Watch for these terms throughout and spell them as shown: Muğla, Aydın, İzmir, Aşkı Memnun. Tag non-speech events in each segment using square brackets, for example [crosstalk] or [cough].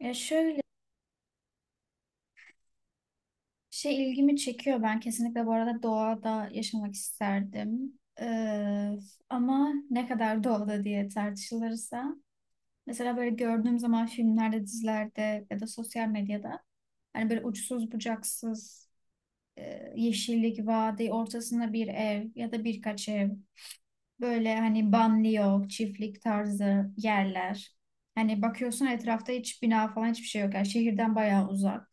Ya şöyle şey ilgimi çekiyor. Ben kesinlikle bu arada doğada yaşamak isterdim. Ama ne kadar doğada diye tartışılırsa. Mesela böyle gördüğüm zaman filmlerde, dizilerde ya da sosyal medyada hani böyle uçsuz bucaksız yeşillik, vadi, ortasında bir ev ya da birkaç ev. Böyle hani banliyö, çiftlik tarzı yerler. Hani bakıyorsun etrafta hiç bina falan hiçbir şey yok. Yani şehirden bayağı uzak.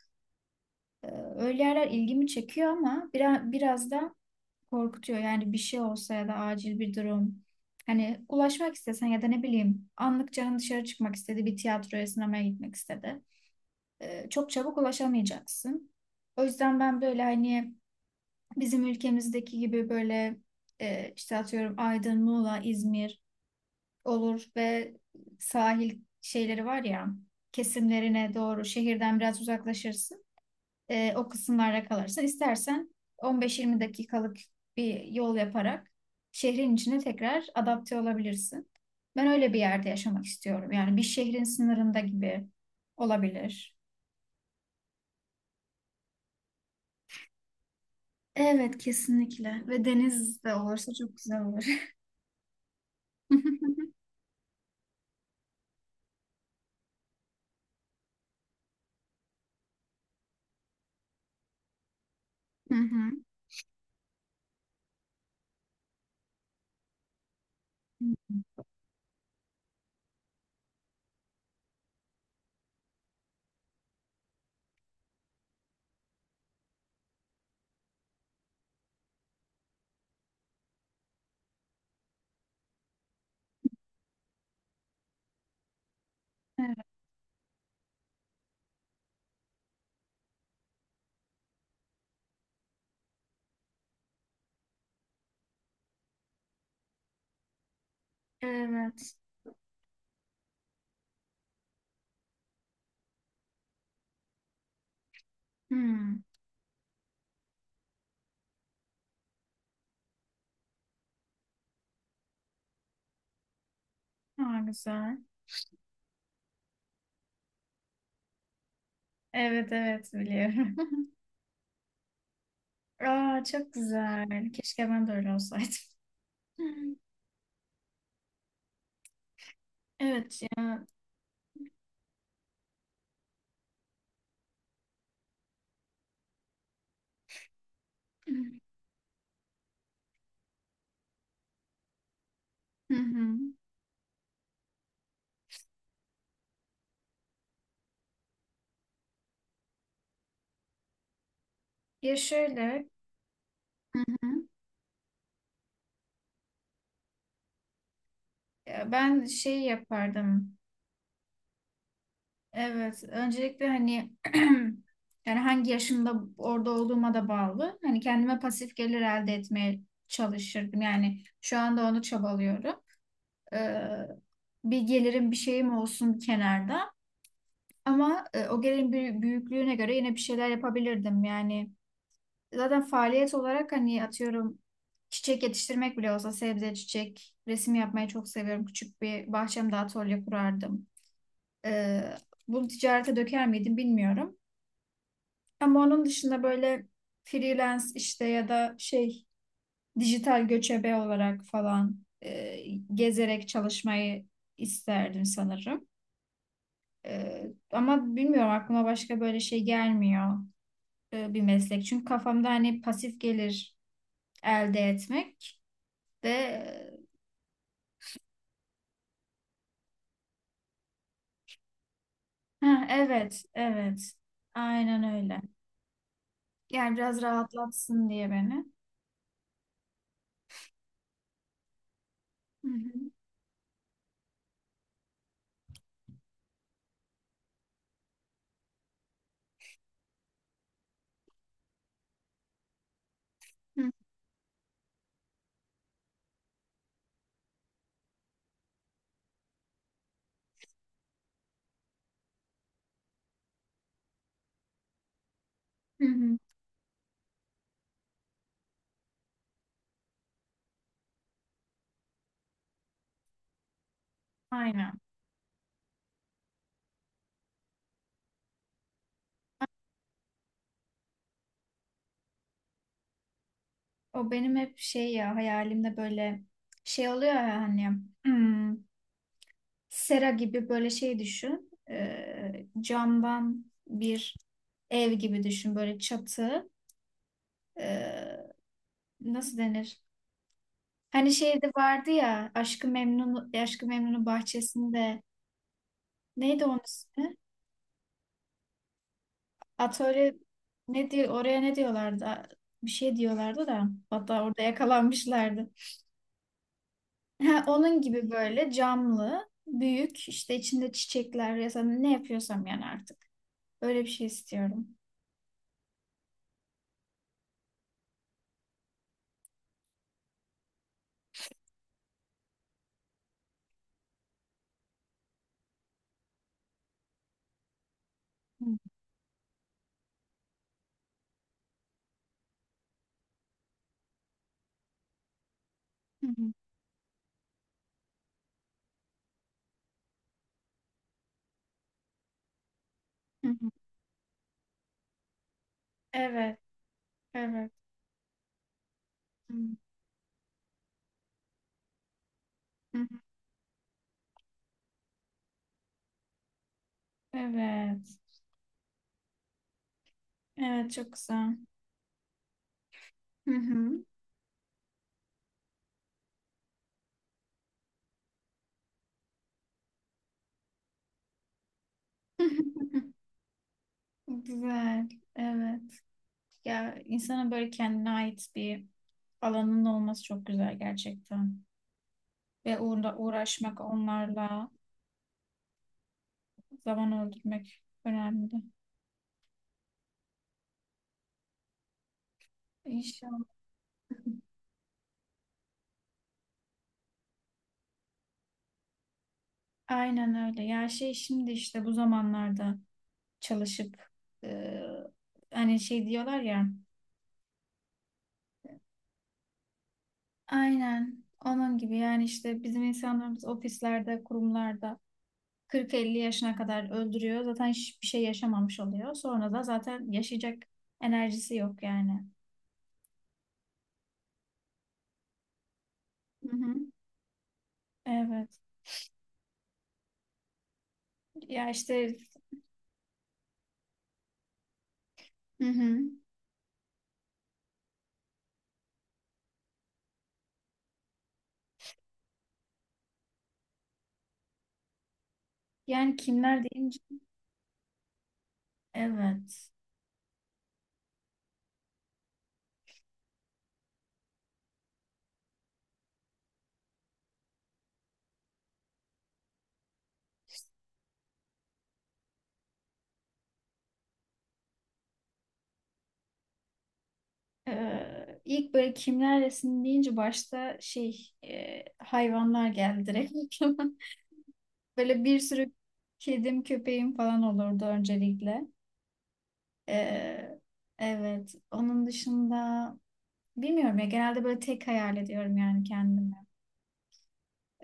Ee, Öyle yerler ilgimi çekiyor ama biraz da korkutuyor. Yani bir şey olsa ya da acil bir durum. Hani ulaşmak istesen ya da ne bileyim anlık canın dışarı çıkmak istedi, bir tiyatroya, sinemaya gitmek istedi. Çok çabuk ulaşamayacaksın. O yüzden ben böyle hani bizim ülkemizdeki gibi böyle işte atıyorum Aydın, Muğla, İzmir olur ve sahil şeyleri var ya kesimlerine doğru şehirden biraz uzaklaşırsın o kısımlarda kalırsa istersen 15-20 dakikalık bir yol yaparak şehrin içine tekrar adapte olabilirsin. Ben öyle bir yerde yaşamak istiyorum. Yani bir şehrin sınırında gibi olabilir. Evet, kesinlikle ve deniz de olursa çok güzel olur. [laughs] Hı hı. Evet. Evet. Hmm. Aa, güzel. Evet, evet, biliyorum. [laughs] Aa, çok güzel. Keşke ben de öyle olsaydım. [laughs] Evet ya. [clears throat] Hı hı. Ya şöyle. Hı hı. Ya ben şey yapardım. Evet, öncelikle hani [clears throat] yani hangi yaşımda orada olduğuma da bağlı. Hani kendime pasif gelir elde etmeye çalışırdım. Yani şu anda onu çabalıyorum. Ee, bir gelirim bir şeyim olsun kenarda. Ama o gelirin büyüklüğüne göre yine bir şeyler yapabilirdim. Yani zaten faaliyet olarak hani atıyorum çiçek yetiştirmek bile olsa sebze, çiçek, resim yapmayı çok seviyorum. Küçük bir bahçemde atölye kurardım. Ee, bunu ticarete döker miydim bilmiyorum. Ama onun dışında böyle freelance işte ya da şey dijital göçebe olarak falan gezerek çalışmayı isterdim sanırım. Ama bilmiyorum aklıma başka böyle şey gelmiyor bir meslek. Çünkü kafamda hani pasif gelir elde etmek de. Ha, evet, evet. Aynen öyle. Yani biraz rahatlatsın diye beni. Hı hı. Hı hı. Hı. Aynen. O benim hep şey ya hayalimde böyle şey oluyor ya hani hmm, sera gibi böyle şey düşün. Camdan bir ev gibi düşün böyle çatı. Ee, nasıl denir? Hani şeyde vardı ya Aşkı Memnun'un bahçesinde neydi onun ismi? Atölye ne diyor oraya ne diyorlardı? Bir şey diyorlardı da hatta orada yakalanmışlardı. [laughs] Ha, onun gibi böyle camlı, büyük işte içinde çiçekler ya da ne yapıyorsam yani artık. Öyle bir şey istiyorum. Hı hı hı. Hı. Evet, evet. Hı, hı. Evet. Evet, çok güzel. Hı hı. [laughs] Güzel. Evet. Ya insana böyle kendine ait bir alanın olması çok güzel gerçekten. Ve uğraşmak onlarla zaman öldürmek önemli. İnşallah. Aynen öyle. Ya şey şimdi işte bu zamanlarda çalışıp e, hani şey diyorlar ya. Aynen onun gibi yani işte bizim insanlarımız ofislerde, kurumlarda 40-50 yaşına kadar öldürüyor. Zaten hiçbir şey yaşamamış oluyor. Sonra da zaten yaşayacak enerjisi yok yani. Hı hı. Evet. Ya işte. Hı hı. Yani kimler deyince evet. İlk böyle kimler resim deyince başta şey hayvanlar geldi direkt aklıma. [laughs] Böyle bir sürü kedim köpeğim falan olurdu öncelikle. Ee, evet, onun dışında bilmiyorum ya genelde böyle tek hayal ediyorum yani kendimi.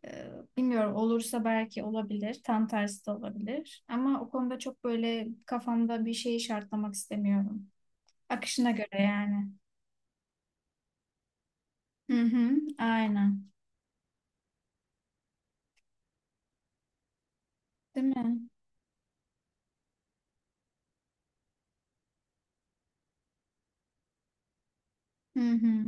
Ee, bilmiyorum olursa belki olabilir tam tersi de olabilir. Ama o konuda çok böyle kafamda bir şeyi şartlamak istemiyorum. Akışına göre yani. Hı hı, aynen. Değil mi? Hı hı.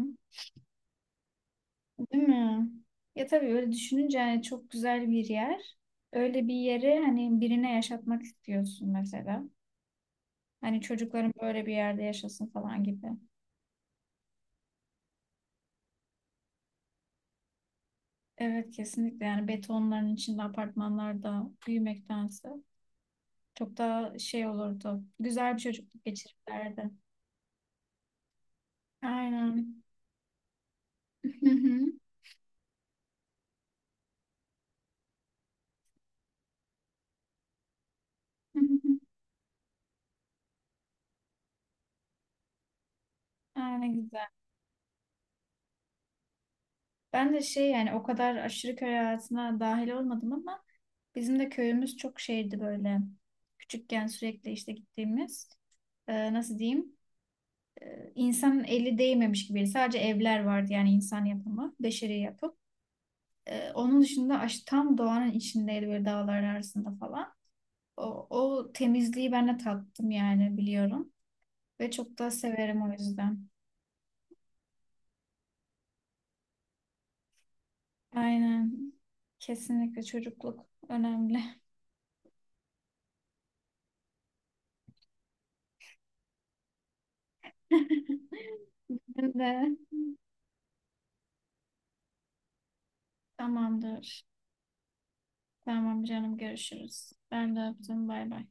Değil mi? Ya tabii öyle düşününce hani çok güzel bir yer. Öyle bir yeri hani birine yaşatmak istiyorsun mesela. Hani çocukların böyle bir yerde yaşasın falan gibi. Evet, kesinlikle yani betonların içinde apartmanlarda büyümektense çok daha şey olurdu. Güzel bir çocukluk geçirirlerdi. Aynen. Hı hı. Hı hı. Aynen güzel. Ben de şey yani o kadar aşırı köy hayatına dahil olmadım ama. Bizim de köyümüz çok şeydi böyle. Küçükken sürekli işte gittiğimiz. Nasıl diyeyim? E, insanın eli değmemiş gibi. Sadece evler vardı yani insan yapımı, beşeri yapım. Onun dışında tam doğanın içindeydi böyle dağlar arasında falan. O, o temizliği ben de tattım yani biliyorum. Ve çok da severim o yüzden. Aynen. Kesinlikle çocukluk önemli. [laughs] Ben de. Tamamdır. Tamam canım görüşürüz. Ben de öptüm. Bay bay.